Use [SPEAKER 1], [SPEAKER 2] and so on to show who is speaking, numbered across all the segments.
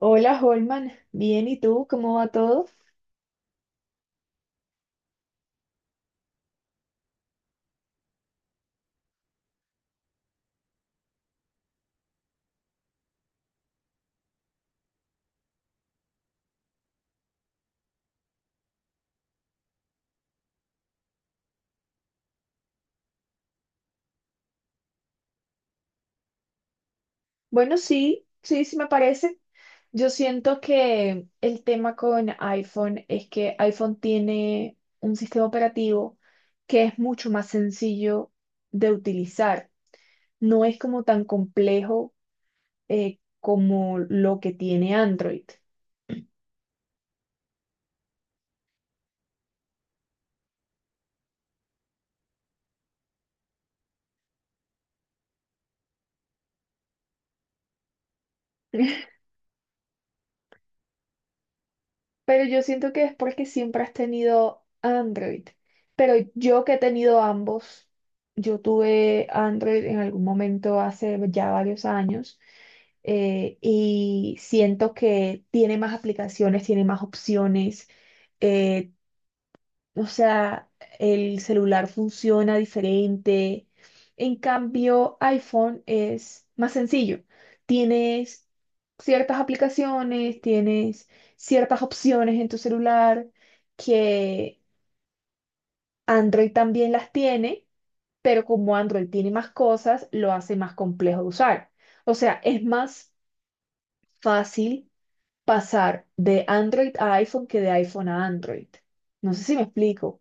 [SPEAKER 1] Hola, Holman. Bien, ¿y tú? ¿Cómo va todo? Bueno, sí, me parece. Yo siento que el tema con iPhone es que iPhone tiene un sistema operativo que es mucho más sencillo de utilizar. No es como tan complejo, como lo que tiene Android. Pero yo siento que es porque siempre has tenido Android. Pero yo que he tenido ambos, yo tuve Android en algún momento hace ya varios años, y siento que tiene más aplicaciones, tiene más opciones, eh, o sea, el celular funciona diferente. En cambio, iPhone es más sencillo. Tienes ciertas aplicaciones, tienes ciertas opciones en tu celular que Android también las tiene, pero como Android tiene más cosas, lo hace más complejo de usar. O sea, es más fácil pasar de Android a iPhone que de iPhone a Android. No sé si me explico.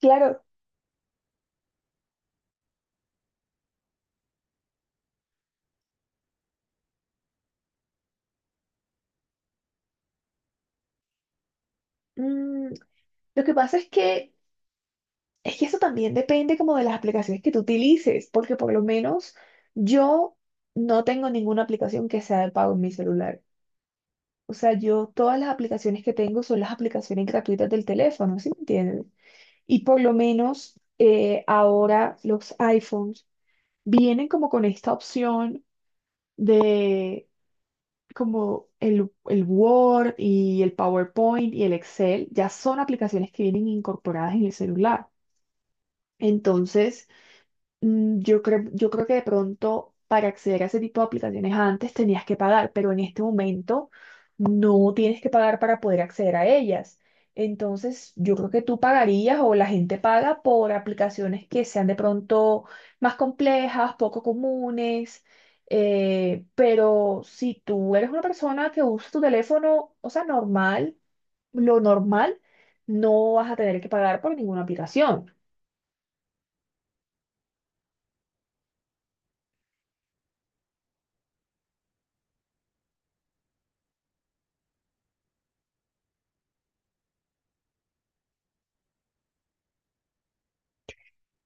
[SPEAKER 1] Claro. mm, Lo que pasa es que eso también depende como de las aplicaciones que tú utilices, porque por lo menos yo no tengo ninguna aplicación que sea de pago en mi celular. O sea, yo todas las aplicaciones que tengo son las aplicaciones gratuitas del teléfono, ¿sí me entiendes? Y por lo menos ahora los iPhones vienen como con esta opción de como el Word y el PowerPoint y el Excel, ya son aplicaciones que vienen incorporadas en el celular. Entonces, yo creo que de pronto para acceder a ese tipo de aplicaciones antes tenías que pagar, pero en este momento no tienes que pagar para poder acceder a ellas. Entonces, yo creo que tú pagarías o la gente paga por aplicaciones que sean de pronto más complejas, poco comunes, pero si tú eres una persona que usa tu teléfono, o sea, normal, lo normal, no vas a tener que pagar por ninguna aplicación.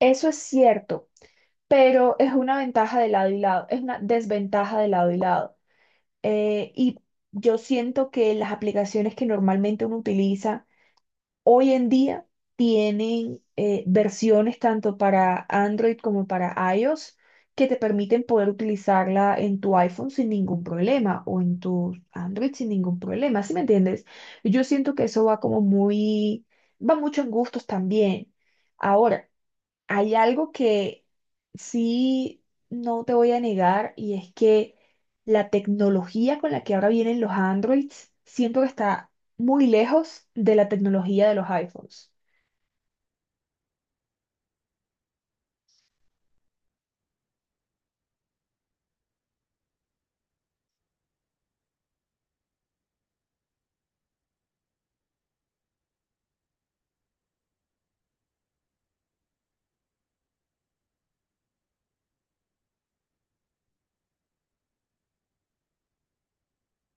[SPEAKER 1] Eso es cierto, pero es una ventaja de lado y lado, es una desventaja de lado y lado. Y yo siento que las aplicaciones que normalmente uno utiliza hoy en día tienen, versiones tanto para Android como para iOS que te permiten poder utilizarla en tu iPhone sin ningún problema o en tu Android sin ningún problema, ¿sí me entiendes? Yo siento que eso va como va mucho en gustos también. Ahora, hay algo que sí no te voy a negar, y es que la tecnología con la que ahora vienen los Androids siento que está muy lejos de la tecnología de los iPhones.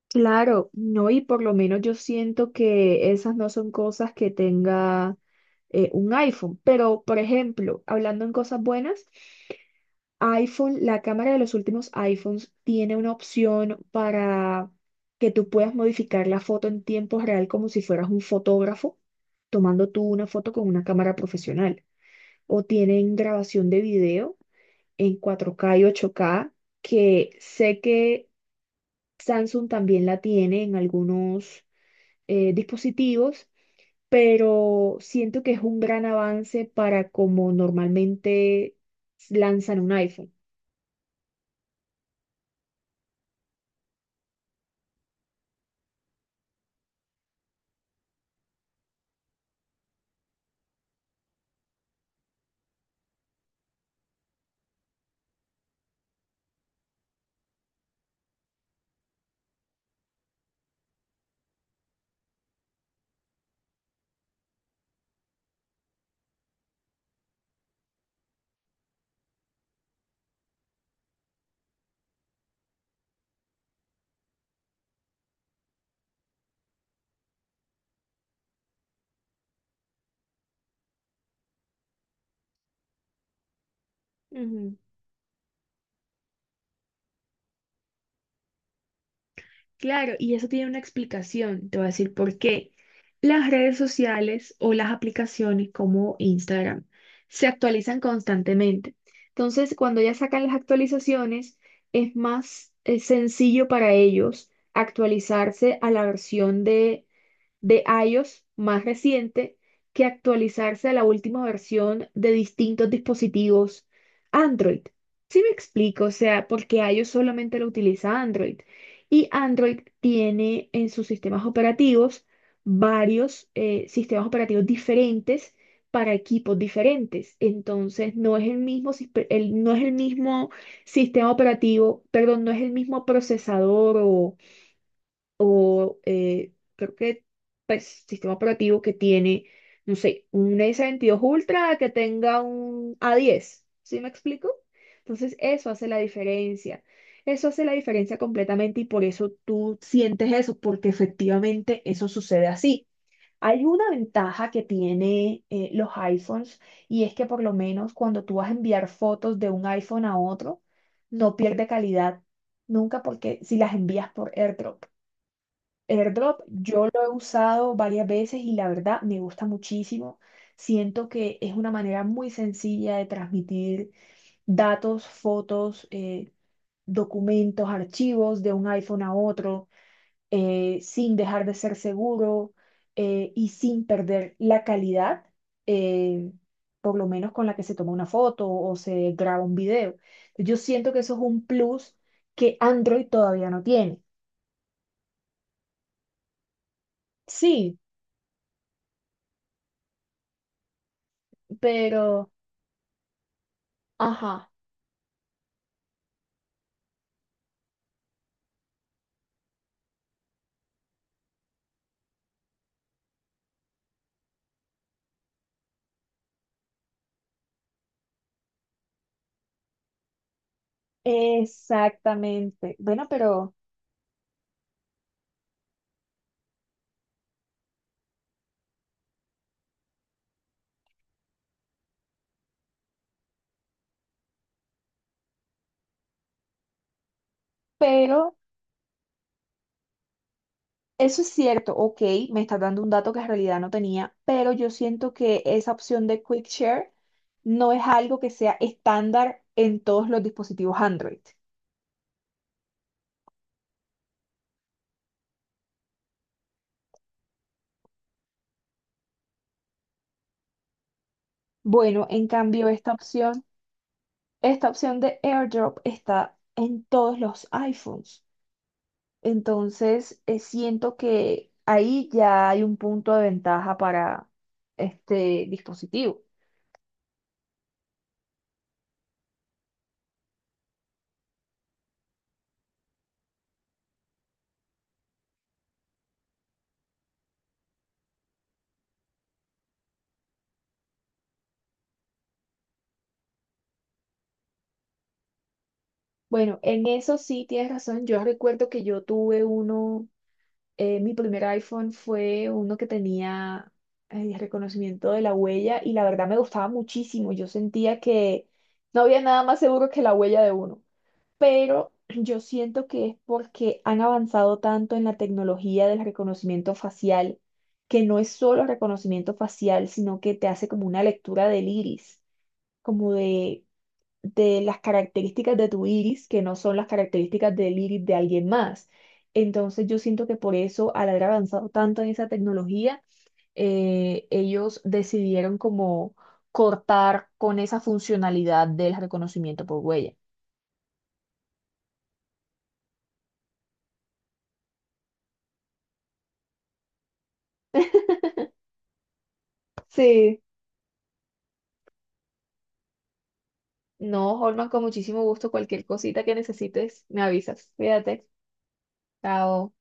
[SPEAKER 1] Claro, no, y por lo menos yo siento que esas no son cosas que tenga, un iPhone, pero por ejemplo, hablando en cosas buenas. iPhone, la cámara de los últimos iPhones tiene una opción para que tú puedas modificar la foto en tiempo real como si fueras un fotógrafo, tomando tú una foto con una cámara profesional. O tienen grabación de video en 4K y 8K, que sé que Samsung también la tiene en algunos, dispositivos, pero siento que es un gran avance para como normalmente lanzan un iPhone. Ujú. Claro, y eso tiene una explicación. Te voy a decir por qué. Las redes sociales o las aplicaciones como Instagram se actualizan constantemente. Entonces, cuando ya sacan las actualizaciones, es más, sencillo para ellos actualizarse a la versión de iOS más reciente que actualizarse a la última versión de distintos dispositivos Android. ¿Si me explico? O sea, porque iOS solamente lo utiliza Android y Android tiene en sus sistemas operativos varios, sistemas operativos diferentes para equipos diferentes. Entonces, no es el mismo, sis- el- no es el mismo sistema operativo, perdón, no es el mismo procesador o creo que pues, sistema operativo que tiene, no sé, un S22 Ultra que tenga un A10, ¿sí me explico? Entonces eso hace la diferencia, eso hace la diferencia completamente y por eso tú sientes eso, porque efectivamente eso sucede así. Hay una ventaja que tiene, los iPhones, y es que por lo menos cuando tú vas a enviar fotos de un iPhone a otro, no pierde calidad nunca porque si las envías por AirDrop. AirDrop yo lo he usado varias veces y la verdad me gusta muchísimo. Siento que es una manera muy sencilla de transmitir datos, fotos, documentos, archivos de un iPhone a otro, sin dejar de ser seguro, y sin perder la calidad, eh, por lo menos con la que se toma una foto o se graba un video. Yo siento que eso es un plus que Android todavía no tiene. Sí, pero... Ajá. Exactamente. Pero eso es cierto, ok, me estás dando un dato que en realidad no tenía, pero yo siento que esa opción de Quick Share no es algo que sea estándar en todos los dispositivos Android. Bueno, en cambio, esta opción de AirDrop está en todos los iPhones. Entonces, siento que ahí ya hay un punto de ventaja para este dispositivo. Bueno, en eso sí tienes razón. Yo recuerdo que yo tuve uno, mi primer iPhone fue uno que tenía, reconocimiento de la huella y la verdad me gustaba muchísimo. Yo sentía que no había nada más seguro que la huella de uno. Pero yo siento que es porque han avanzado tanto en la tecnología del reconocimiento facial, que no es solo reconocimiento facial, sino que te hace como una lectura del iris, como de, de las características de tu iris, que no son las características del iris de alguien más. Entonces yo siento que por eso, al haber avanzado tanto en esa tecnología, ellos decidieron como cortar con esa funcionalidad del reconocimiento por huella. Sí. No, Holman, con muchísimo gusto. Cualquier cosita que necesites, me avisas. Cuídate. Chao.